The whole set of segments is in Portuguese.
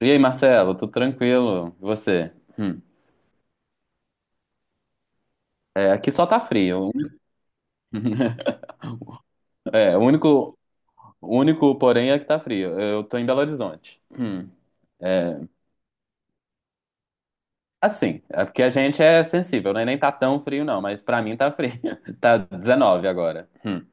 E aí, Marcelo, tudo tranquilo? E você? Hum. É, aqui só tá frio. É, o único, o único porém é que tá frio. Eu tô em Belo Horizonte. Hum. É, é porque a gente é sensível, né? Nem tá tão frio, não, mas pra mim tá frio. Tá 19 agora. Hum.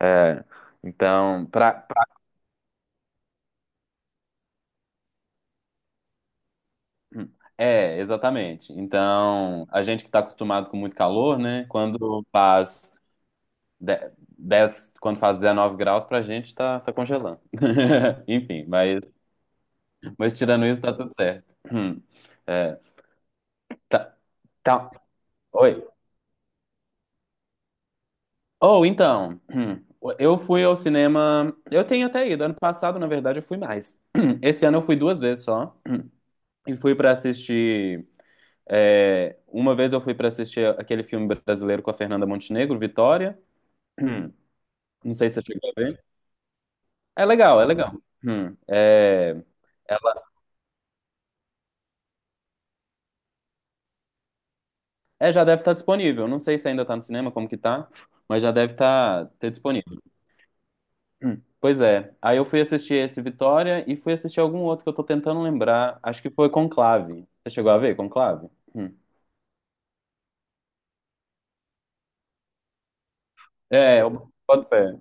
É, então, pra, pra- hum. É, exatamente. Então, a gente que tá acostumado com muito calor, né? De- 10, quando faz 19 graus, pra gente tá congelando. Enfim, mas, mas tirando isso, tá tudo certo. Hum. É, tá, tá. Oi. Ou então, hum, eu fui ao cinema. Eu tenho até ido. Ano passado, na verdade, eu fui mais. Esse ano eu fui duas vezes só. E fui pra assistir. É, uma vez eu fui pra assistir aquele filme brasileiro com a Fernanda Montenegro, Vitória. Não sei se você chegou a ver. É legal, é legal. Hum, é, É, já deve estar disponível. Não sei se ainda tá no cinema, como que tá, mas já deve estar ter disponível. Hum. Pois é. Aí eu fui assistir esse Vitória e fui assistir algum outro que eu tô tentando lembrar. Acho que foi Conclave. Você chegou a ver Conclave? Hum. É, eu boto fé.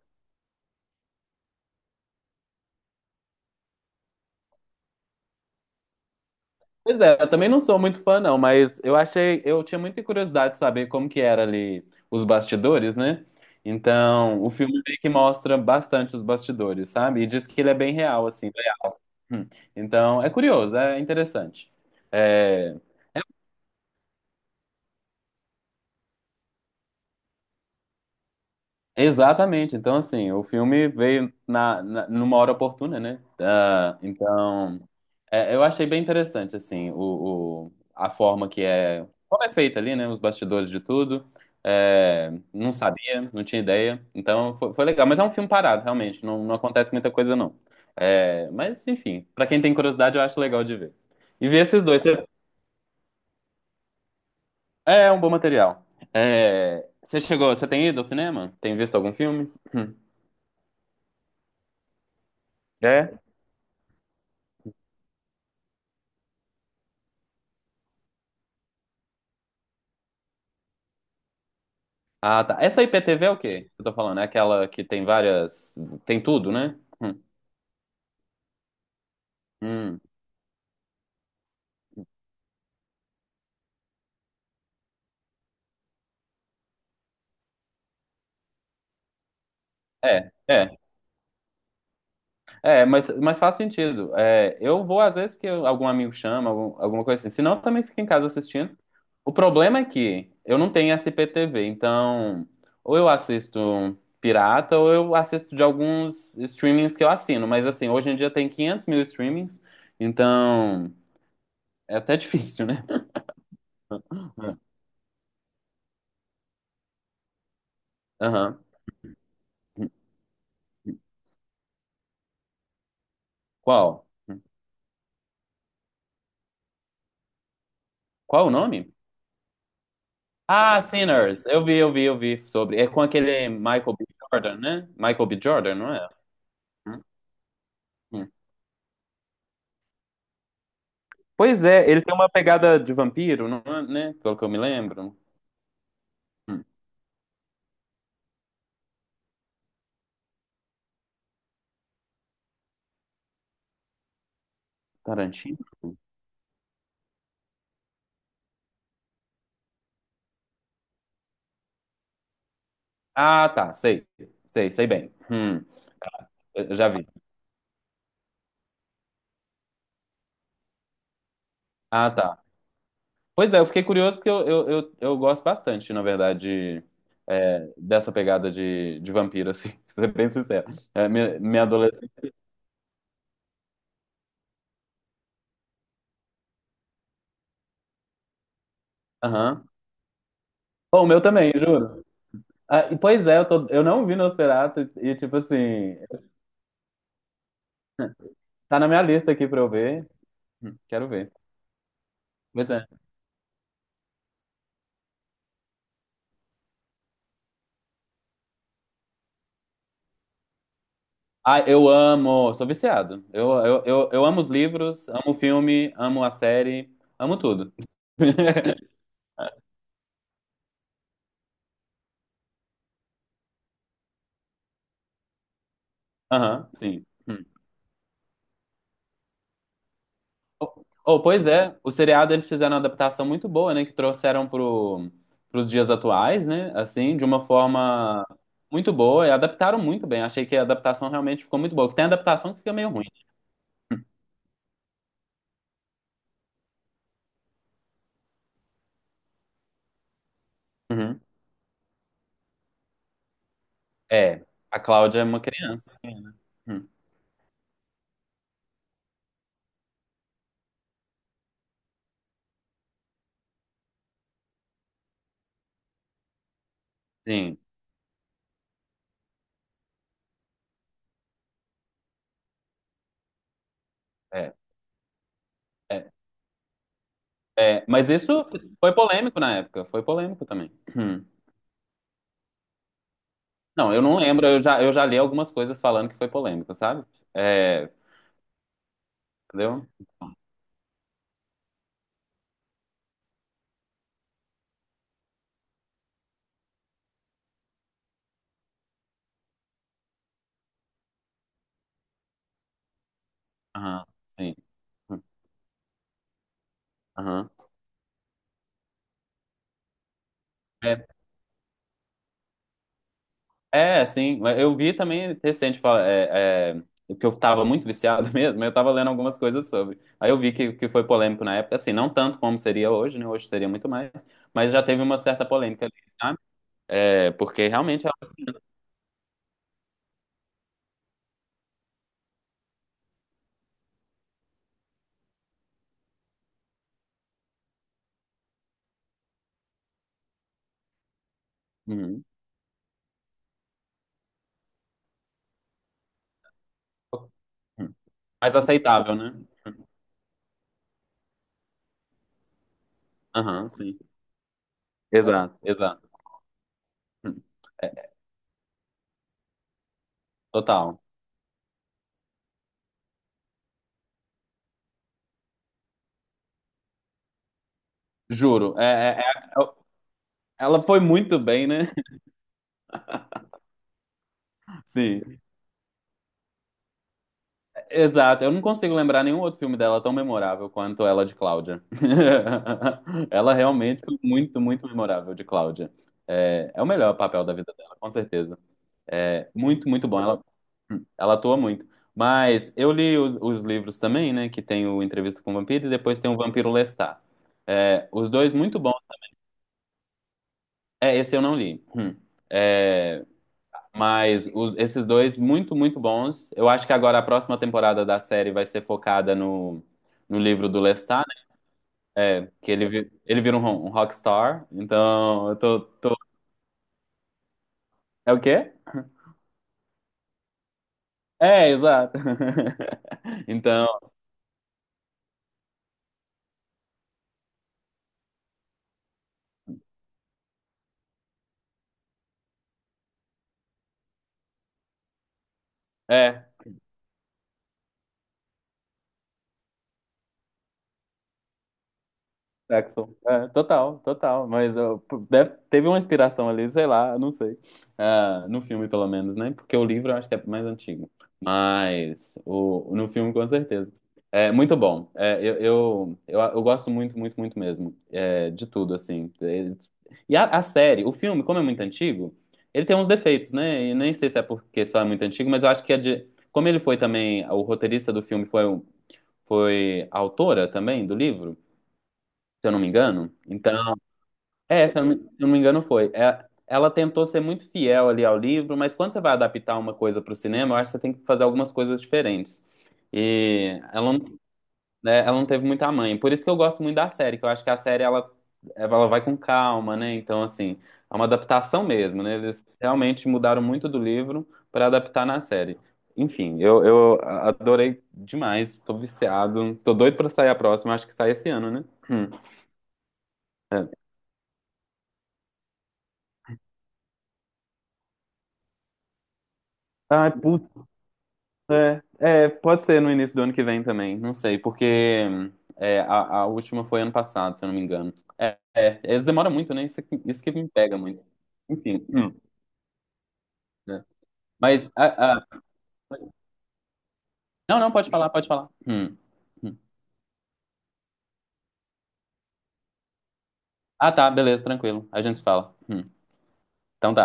Pois é, eu também não sou muito fã, não, mas eu achei, eu tinha muita curiosidade de saber como que era ali os bastidores, né? Então, o filme meio que mostra bastante os bastidores, sabe? E diz que ele é bem real, assim. Né? Hum. Então, é curioso, é interessante. É, exatamente. Então, assim, o filme veio numa hora oportuna, né? Ah, então, é, eu achei bem interessante, assim, a forma que é... Como é feita ali, né? Os bastidores de tudo. É, não sabia, não tinha ideia. Foi legal. Mas é um filme parado, realmente. Não acontece muita coisa, não. É, mas, enfim, pra quem tem curiosidade, eu acho legal de ver. E ver esses dois. É um bom material. É, você chegou... Você tem ido ao cinema? Tem visto algum filme? É. Ah, tá. Essa IPTV é o quê? Eu tô falando, é aquela que tem várias. Tem tudo, né? Hum. É, é. É, mas faz sentido. É, eu vou às vezes algum amigo chama, alguma coisa assim. Se não, eu também fico em casa assistindo. O problema é que eu não tenho essa IPTV, então ou eu assisto um pirata ou eu assisto de alguns streamings que eu assino. Mas assim, hoje em dia tem 500 mil streamings, então é até difícil, né? Aham. Qual? Qual o nome? Ah, Sinners. Eu vi sobre. É com aquele Michael B. Jordan, né? Michael B. Jordan, não é? Hum, hum. Pois é, ele tem uma pegada de vampiro, não é, né? Pelo que eu me lembro. Hum, Tarantino. Ah, tá, sei. Sei bem. Eu já vi. Ah, tá. Pois é, eu fiquei curioso porque eu gosto bastante, na verdade, é, dessa pegada de vampiro, assim, pra ser bem sincero. Minha adolescência. Aham. Bom, o meu também, juro. Ah, e, pois é, eu não vi Nosferatu tipo assim, tá na minha lista aqui pra eu ver. Quero ver. Pois é. Ah, eu amo, sou viciado. Eu amo os livros, amo o filme, amo a série, amo tudo. Aham, sim. Hum. Oh, oh, pois é, o seriado eles fizeram uma adaptação muito boa, né? Que trouxeram pros dias atuais, né? Assim, de uma forma muito boa. E adaptaram muito bem. Achei que a adaptação realmente ficou muito boa. Que tem adaptação que fica meio ruim. Uhum. É, a Cláudia é uma criança, sim, né? Hum, Sim, é, é, é. Mas isso foi polêmico na época, foi polêmico também. Hum. Não, eu não lembro, eu já li algumas coisas falando que foi polêmico, sabe? É, entendeu? Aham, sim. Hum, Aham. É, sim, mas eu vi também recente, é, que eu tava muito viciado mesmo, eu tava lendo algumas coisas sobre. Aí eu vi que foi polêmico na época, assim, não tanto como seria hoje, né? Hoje seria muito mais, mas já teve uma certa polêmica ali. É, porque realmente é uhum, uhum. Mais aceitável, né? Aham, sim. Exato, exato. Uhum. É, total. Juro. É, é, ela foi muito bem, né? Sim. Exato. Eu não consigo lembrar nenhum outro filme dela tão memorável quanto ela de Cláudia. Ela realmente foi muito, muito memorável de Cláudia. É, é o melhor papel da vida dela, com certeza. É muito, muito bom. Ela atua muito. Mas eu li os livros também, né? Que tem o Entrevista com o Vampiro e depois tem o Vampiro Lestat. É, os dois muito bons. É, esse eu não li. Hum. É, mas esses dois muito, muito bons. Eu acho que agora a próxima temporada da série vai ser focada no livro do Lestat, né? Ele vira um rockstar. Então, eu tô, tô... É o quê? É, exato. Então. É Jackson. É, total, total. Mas ó, teve uma inspiração ali, sei lá, não sei. Ah, no filme, pelo menos, né? Porque o livro eu acho que é mais antigo. Mas o, no filme, com certeza. É muito bom. É, eu gosto muito, muito, muito mesmo. É, de tudo, assim. E a série, o filme, como é muito antigo, ele tem uns defeitos, né? E nem sei se é porque só é muito antigo, mas eu acho que é de. Como ele foi também, o roteirista do filme foi, foi a autora também do livro se eu não me engano. Então, é, se eu não me engano, foi. É, ela tentou ser muito fiel ali ao livro, mas quando você vai adaptar uma coisa para o cinema, eu acho que você tem que fazer algumas coisas diferentes. E ela, não- né, ela não teve muita mãe. Por isso que eu gosto muito da série, que eu acho que ela vai com calma, né? Então, assim, é uma adaptação mesmo, né? Eles realmente mudaram muito do livro para adaptar na série. Enfim, eu adorei demais, tô viciado, tô doido para sair a próxima, acho que sai esse ano, né? Hum, é. Ai, é, é, pode ser no início do ano que vem também, não sei, porque é, a última foi ano passado, se eu não me engano. É, é, eles demoram muito, né? Isso, isso que me pega muito. Enfim, né. Mas, não, pode falar, pode falar. Hum. Ah, tá, beleza, tranquilo, a gente se fala. Então tá.